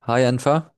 Hi Anfa.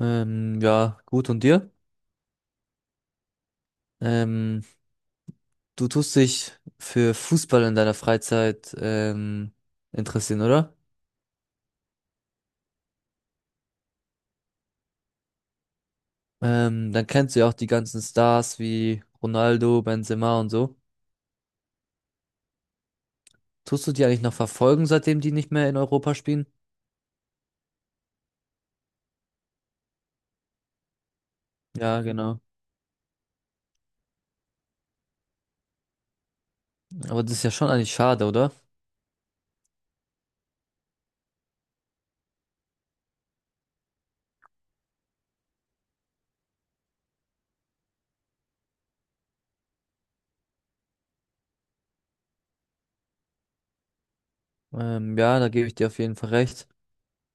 Ja, gut und dir? Ähm, du tust dich für Fußball in deiner Freizeit interessieren, oder? Dann kennst du ja auch die ganzen Stars wie Ronaldo, Benzema und so. Tust du die eigentlich noch verfolgen, seitdem die nicht mehr in Europa spielen? Ja, genau. Aber das ist ja schon eigentlich schade, oder? Ja, da gebe ich dir auf jeden Fall recht.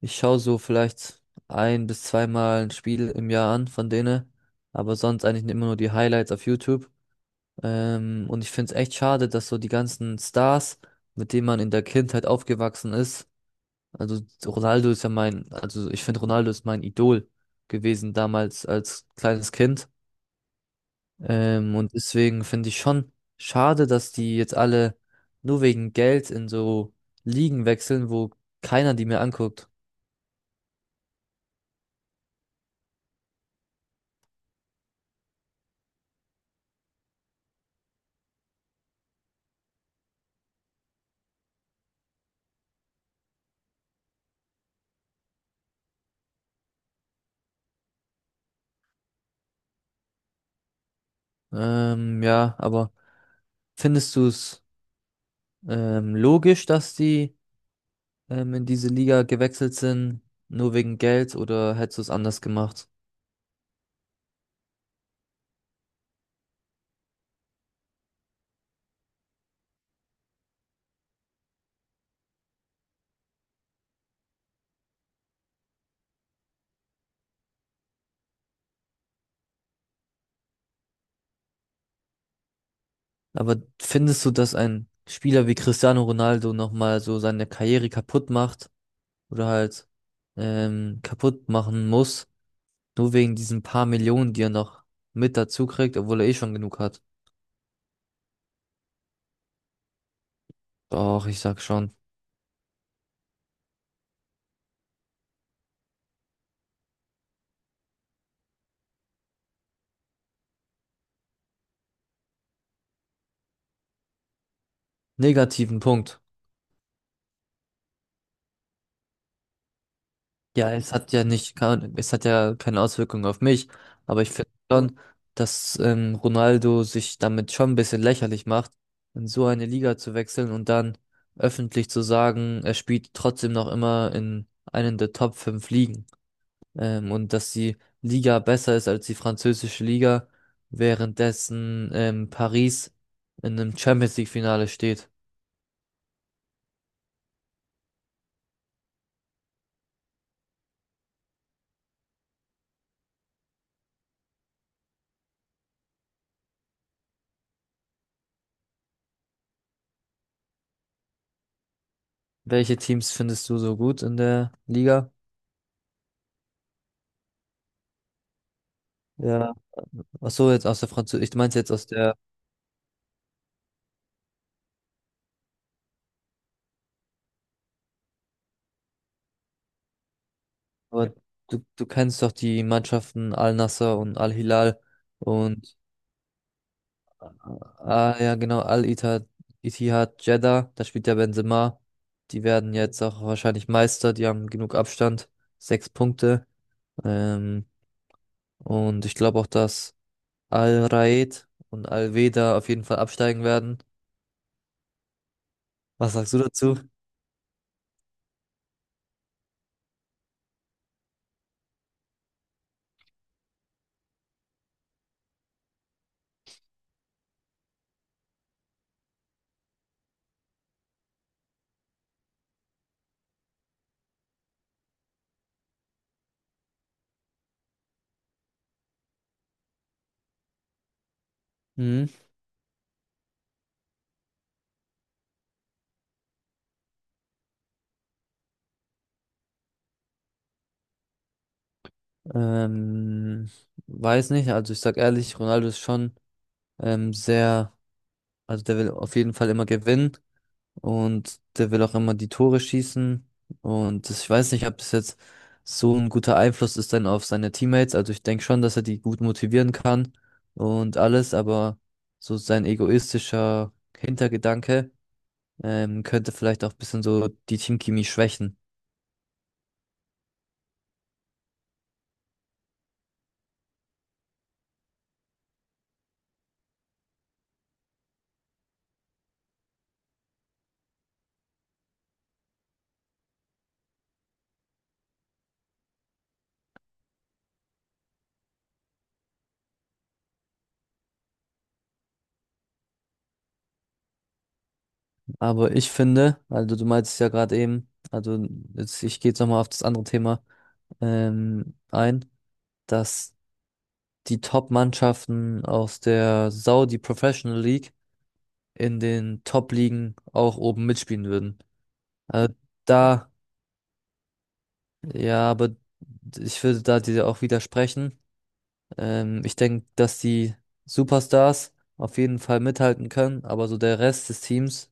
Ich schaue so vielleicht ein bis zweimal ein Spiel im Jahr an von denen, aber sonst eigentlich immer nur die Highlights auf YouTube. Und ich finde es echt schade, dass so die ganzen Stars, mit denen man in der Kindheit aufgewachsen ist, also Ronaldo ist ja mein, also ich finde Ronaldo ist mein Idol gewesen damals als kleines Kind. Und deswegen finde ich schon schade, dass die jetzt alle nur wegen Geld in so Ligen wechseln, wo keiner die mehr anguckt. Ja, aber findest du es logisch, dass die in diese Liga gewechselt sind, nur wegen Geld oder hättest du es anders gemacht? Aber findest du, dass ein Spieler wie Cristiano Ronaldo nochmal so seine Karriere kaputt macht oder halt kaputt machen muss, nur wegen diesen paar Millionen, die er noch mit dazu kriegt, obwohl er eh schon genug hat? Doch, ich sag schon. Negativen Punkt. Ja, es hat ja nicht, es hat ja keine Auswirkung auf mich, aber ich finde schon, dass Ronaldo sich damit schon ein bisschen lächerlich macht, in so eine Liga zu wechseln und dann öffentlich zu sagen, er spielt trotzdem noch immer in einen der Top 5 Ligen. Und dass die Liga besser ist als die französische Liga, währenddessen Paris in einem Champions League Finale steht. Welche Teams findest du so gut in der Liga? Ja. Ach so, jetzt aus der Französischen, ich meinte jetzt aus der. Aber du kennst doch die Mannschaften Al-Nassr und Al-Hilal und, ah ja, genau, Al-Ittihad, Ittihad Jeddah, da spielt ja Benzema. Die werden jetzt auch wahrscheinlich Meister, die haben genug Abstand, 6 Punkte. Ähm, und ich glaube auch, dass Al-Raed und Al-Wehda auf jeden Fall absteigen werden. Was sagst du dazu? Mhm. Ähm, weiß nicht, also ich sag ehrlich, Ronaldo ist schon sehr, also der will auf jeden Fall immer gewinnen. Und der will auch immer die Tore schießen. Und das, ich weiß nicht, ob das jetzt so ein guter Einfluss ist dann auf seine Teammates. Also ich denke schon, dass er die gut motivieren kann und alles, aber so sein egoistischer Hintergedanke könnte vielleicht auch ein bisschen so die Teamchemie schwächen. Aber ich finde, also du meintest ja gerade eben, also jetzt, ich gehe jetzt nochmal auf das andere Thema ein, dass die Top-Mannschaften aus der Saudi Professional League in den Top-Ligen auch oben mitspielen würden. Also da, ja, aber ich würde da dir auch widersprechen. Ich denke, dass die Superstars auf jeden Fall mithalten können, aber so der Rest des Teams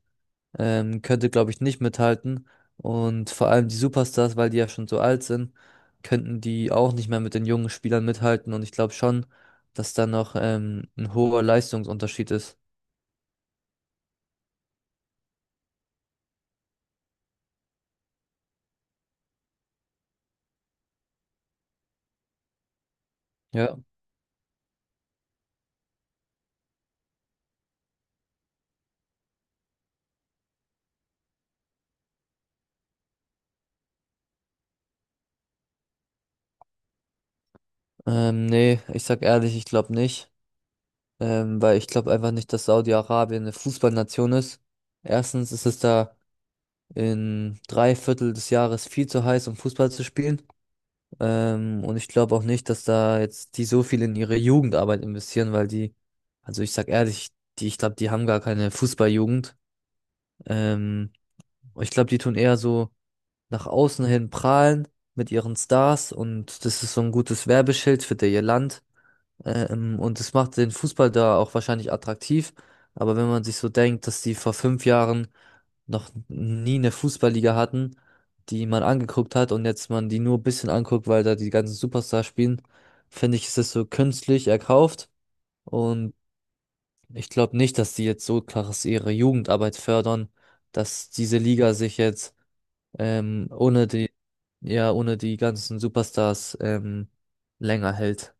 könnte, glaube ich, nicht mithalten. Und vor allem die Superstars, weil die ja schon so alt sind, könnten die auch nicht mehr mit den jungen Spielern mithalten. Und ich glaube schon, dass da noch ein hoher Leistungsunterschied ist. Ja. Nee, ich sag ehrlich, ich glaube nicht. Weil ich glaube einfach nicht, dass Saudi-Arabien eine Fußballnation ist. Erstens ist es da in drei Viertel des Jahres viel zu heiß, um Fußball zu spielen. Und ich glaube auch nicht, dass da jetzt die so viel in ihre Jugendarbeit investieren, weil die, also ich sag ehrlich, die, ich glaube, die haben gar keine Fußballjugend. Ähm, ich glaube, die tun eher so nach außen hin prahlen mit ihren Stars und das ist so ein gutes Werbeschild für ihr Land. Und es macht den Fußball da auch wahrscheinlich attraktiv. Aber wenn man sich so denkt, dass die vor 5 Jahren noch nie eine Fußballliga hatten, die man angeguckt hat und jetzt man die nur ein bisschen anguckt, weil da die ganzen Superstars spielen, finde ich, ist es so künstlich erkauft. Und ich glaube nicht, dass die jetzt so krass ihre Jugendarbeit fördern, dass diese Liga sich jetzt ohne die, ja, ohne die ganzen Superstars länger hält.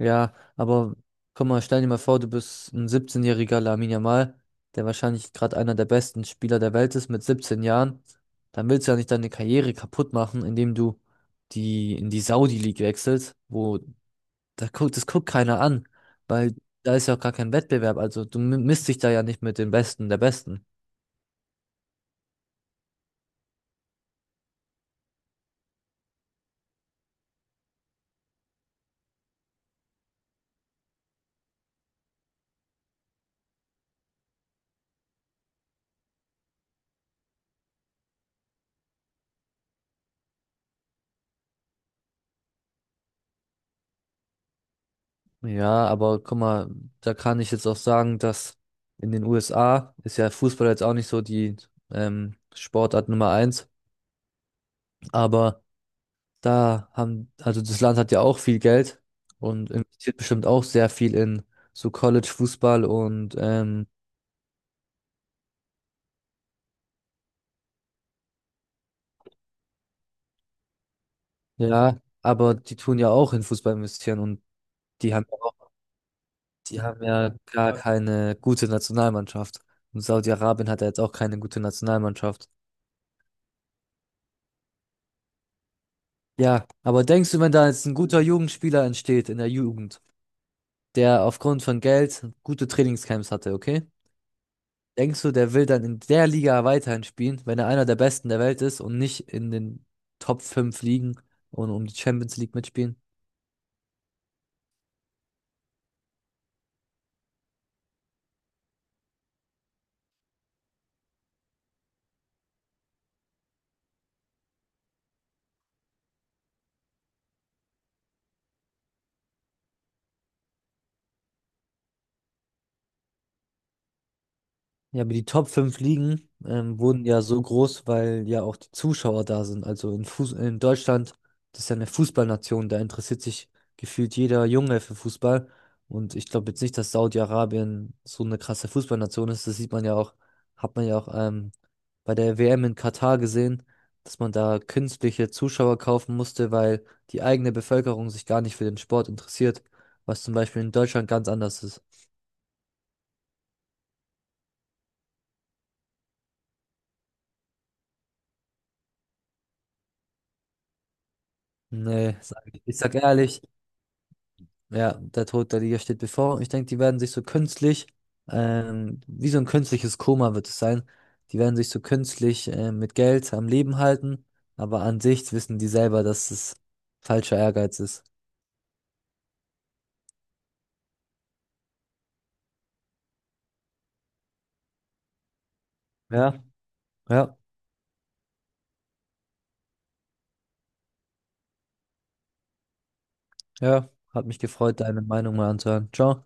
Ja, aber guck mal, stell dir mal vor, du bist ein 17-jähriger Lamine Yamal, der wahrscheinlich gerade einer der besten Spieler der Welt ist mit 17 Jahren. Dann willst du ja nicht deine Karriere kaputt machen, indem du die in die Saudi-League wechselst, wo da guckt, das guckt keiner an, weil da ist ja auch gar kein Wettbewerb. Also du misst dich da ja nicht mit den Besten der Besten. Ja, aber guck mal, da kann ich jetzt auch sagen, dass in den USA ist ja Fußball jetzt auch nicht so die Sportart Nummer eins, aber da haben, also das Land hat ja auch viel Geld und investiert bestimmt auch sehr viel in so College-Fußball und ja, aber die tun ja auch in Fußball investieren und die haben ja auch, die haben ja gar keine gute Nationalmannschaft. Und Saudi-Arabien hat ja jetzt auch keine gute Nationalmannschaft. Ja, aber denkst du, wenn da jetzt ein guter Jugendspieler entsteht in der Jugend, der aufgrund von Geld gute Trainingscamps hatte, okay? Denkst du, der will dann in der Liga weiterhin spielen, wenn er einer der Besten der Welt ist und nicht in den Top 5 Ligen und um die Champions League mitspielen? Ja, aber die Top 5 Ligen wurden ja so groß, weil ja auch die Zuschauer da sind. Also in Fuß in Deutschland, das ist ja eine Fußballnation, da interessiert sich gefühlt jeder Junge für Fußball. Und ich glaube jetzt nicht, dass Saudi-Arabien so eine krasse Fußballnation ist. Das sieht man ja auch, hat man ja auch bei der WM in Katar gesehen, dass man da künstliche Zuschauer kaufen musste, weil die eigene Bevölkerung sich gar nicht für den Sport interessiert, was zum Beispiel in Deutschland ganz anders ist. Nee, sag, ich sag ehrlich. Ja, der Tod der Liga steht bevor. Und ich denke, die werden sich so künstlich, wie so ein künstliches Koma wird es sein. Die werden sich so künstlich, mit Geld am Leben halten. Aber an sich wissen die selber, dass es falscher Ehrgeiz ist. Ja, ja, ja. Hat mich gefreut, deine Meinung mal anzuhören. Ciao.